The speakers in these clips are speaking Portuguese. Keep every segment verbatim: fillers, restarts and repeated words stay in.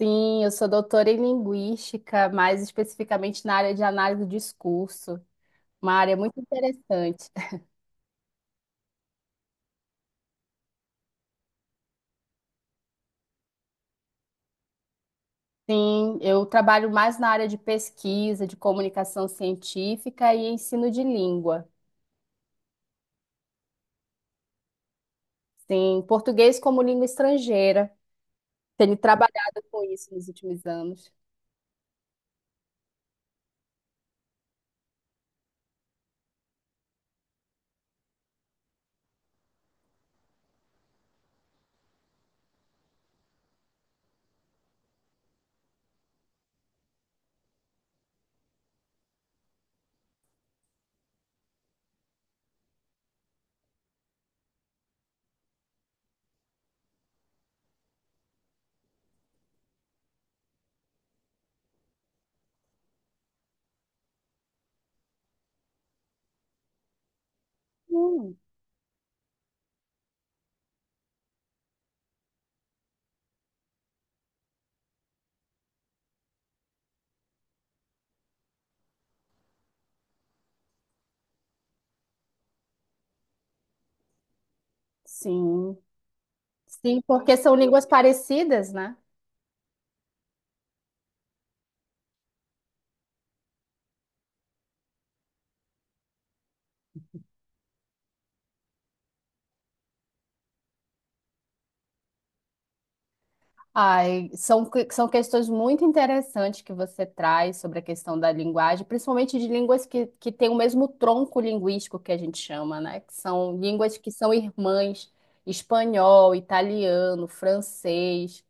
Sim, eu sou doutora em linguística, mais especificamente na área de análise do discurso, uma área muito interessante. Sim, eu trabalho mais na área de pesquisa, de comunicação científica e ensino de língua. Sim, português como língua estrangeira. Tenho trabalhado com isso nos últimos anos. Hum, sim, sim, porque são línguas parecidas, né? Ai, são, que- são questões muito interessantes que você traz sobre a questão da linguagem, principalmente de línguas que, que têm o mesmo tronco linguístico que a gente chama, né? Que são línguas que são irmãs, espanhol, italiano, francês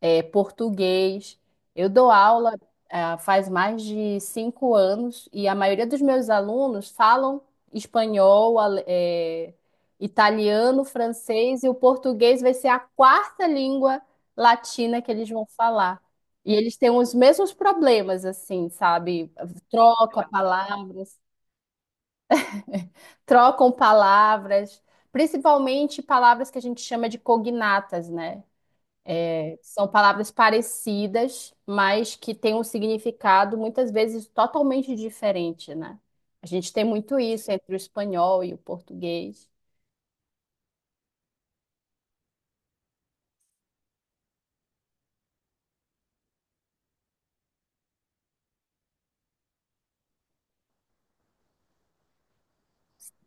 é, português. Eu dou aula, ah, faz mais de cinco anos e a maioria dos meus alunos falam espanhol, ale- é, italiano, francês e o português vai ser a quarta língua latina que eles vão falar. E eles têm os mesmos problemas, assim, sabe? Trocam palavras, trocam palavras, principalmente palavras que a gente chama de cognatas, né? São palavras parecidas, mas que têm um significado muitas vezes totalmente diferente, né? A gente tem muito isso entre o espanhol e o português.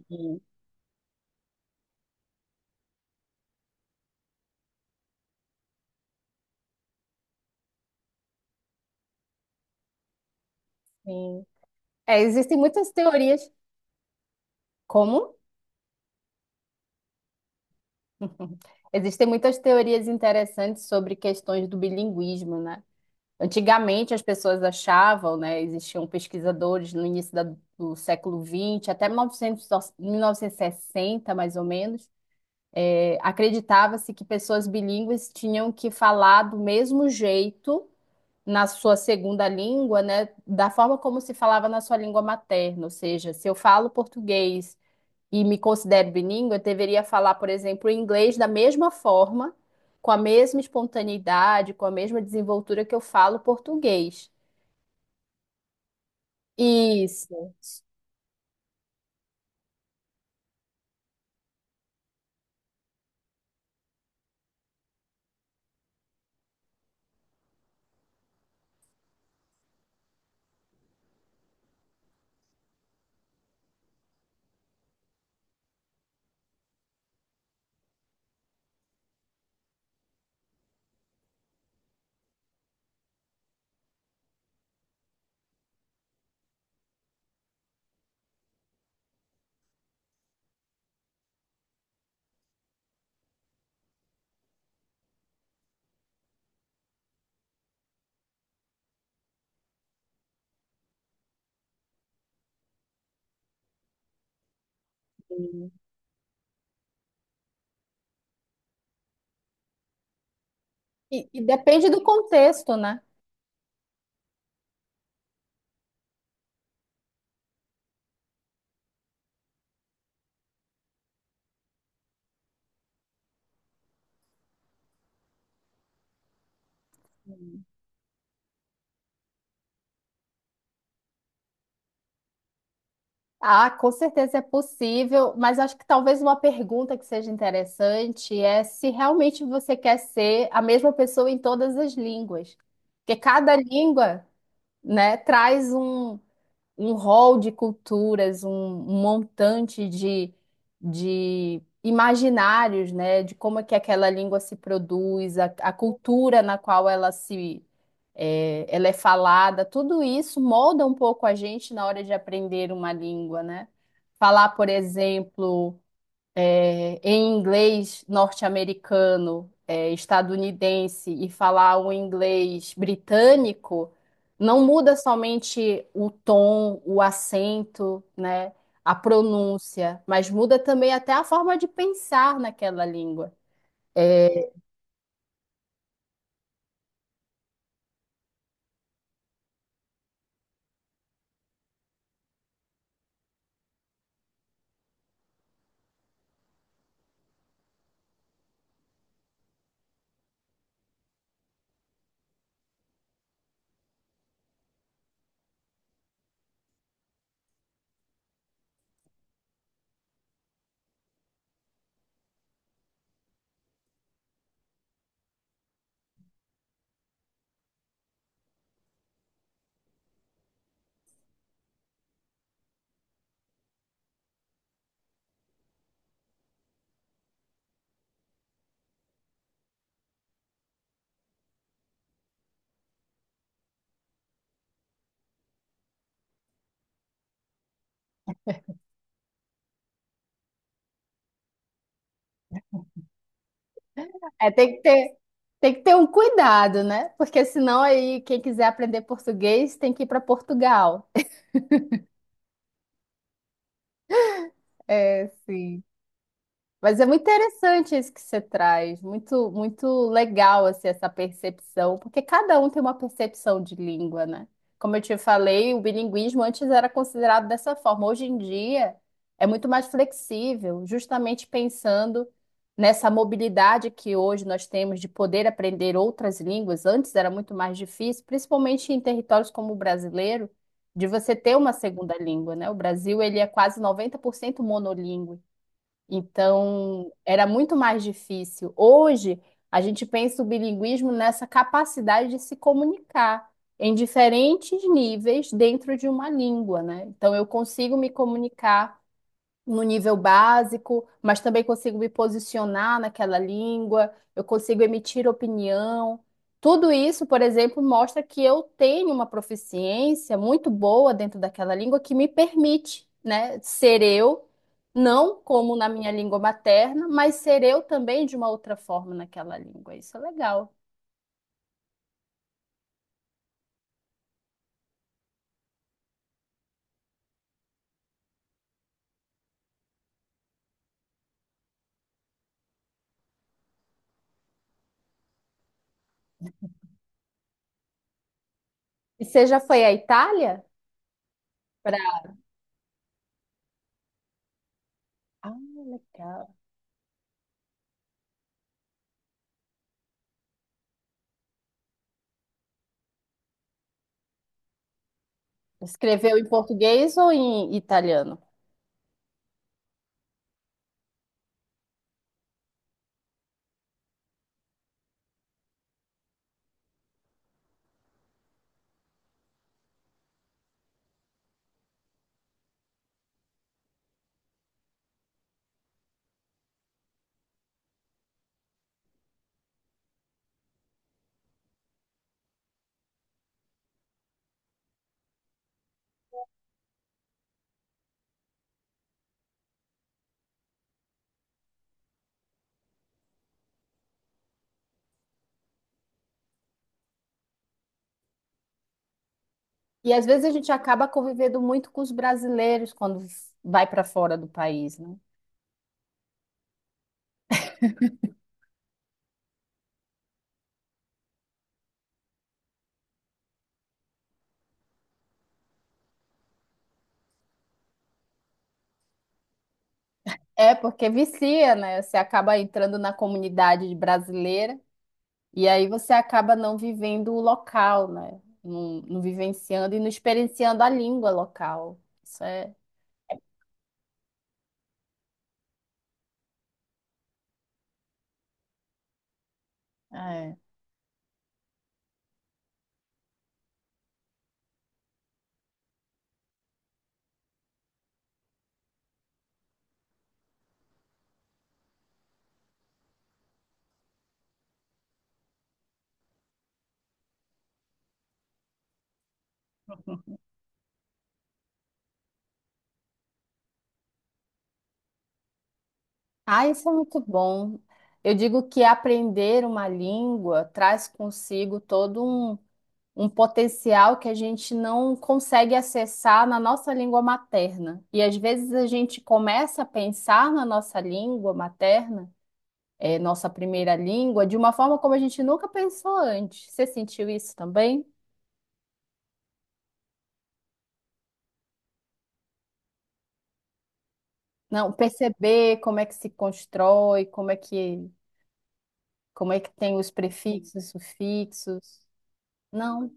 E, sim. É, existem muitas teorias. Como? Existem muitas teorias interessantes sobre questões do bilinguismo, né? Antigamente as pessoas achavam, né? Existiam pesquisadores no início da- do século vinte, até mil e novecentos, mil novecentos e sessenta, mais ou menos. Acreditava-se que pessoas bilíngues tinham que falar do mesmo jeito na sua segunda língua, né, da forma como se falava na sua língua materna. Ou seja, se eu falo português e me considero bilíngue, eu deveria falar, por exemplo, inglês da mesma forma, com a mesma espontaneidade, com a mesma desenvoltura que eu falo português. Isso. E, e depende do contexto, né? Ah, com certeza é possível, mas acho que talvez uma pergunta que seja interessante é se realmente você quer ser a mesma pessoa em todas as línguas. Porque cada língua, né, traz um um rol de culturas, um, um montante de, de imaginários, né, de como é que aquela língua se produz, a, a cultura na qual ela se é, ela é falada, tudo isso molda um pouco a gente na hora de aprender uma língua, né? Falar, por exemplo, é, em inglês norte-americano, é, estadunidense e falar o inglês britânico, não muda somente o tom, o acento, né, a pronúncia, mas muda também até a forma de pensar naquela língua. É, é, tem que ter, tem que ter um cuidado, né? Porque senão aí quem quiser aprender português tem que ir para Portugal. É, sim. Mas é muito interessante isso que você traz, muito muito legal assim, essa percepção, porque cada um tem uma percepção de língua, né? Como eu te falei, o bilinguismo antes era considerado dessa forma. Hoje em dia é muito mais flexível, justamente pensando nessa mobilidade que hoje nós temos de poder aprender outras línguas. Antes era muito mais difícil, principalmente em territórios como o brasileiro, de você ter uma segunda língua, né? O Brasil ele é quase noventa por cento monolíngue. Então, era muito mais difícil. Hoje, a gente pensa o bilinguismo nessa capacidade de se comunicar em diferentes níveis dentro de uma língua, né? Então, eu consigo me comunicar no nível básico, mas também consigo me posicionar naquela língua, eu consigo emitir opinião. Tudo isso, por exemplo, mostra que eu tenho uma proficiência muito boa dentro daquela língua que me permite, né, ser eu, não como na minha língua materna, mas ser eu também de uma outra forma naquela língua. Isso é legal. E você já foi à Itália para Ah, legal. Escrever em português ou em italiano? E às vezes a gente acaba convivendo muito com os brasileiros quando vai para fora do país, né? É, porque vicia, né? Você acaba entrando na comunidade brasileira e aí você acaba não vivendo o local, né? Não, não vivenciando e não experienciando a língua local. Isso é, é. Ah, isso é muito bom. Eu digo que aprender uma língua traz consigo todo um um potencial que a gente não consegue acessar na nossa língua materna. E às vezes a gente começa a pensar na nossa língua materna, é, nossa primeira língua, de uma forma como a gente nunca pensou antes. Você sentiu isso também? Não, perceber como é que se constrói, como é que, como é que, tem os prefixos, sufixos. Não.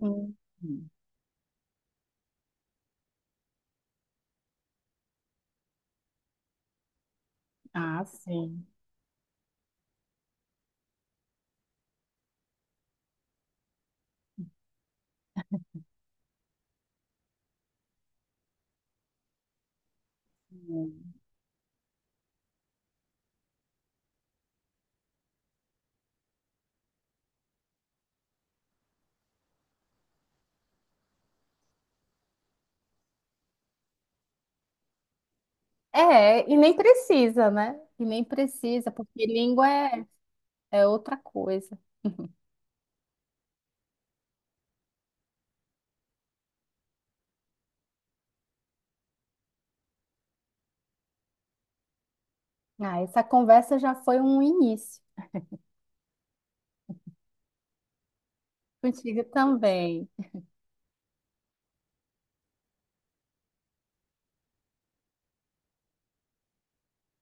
Hum. Ah, sim. É, e nem precisa, né? E nem precisa, porque língua é é outra coisa. Ah, essa conversa já foi um início contigo também.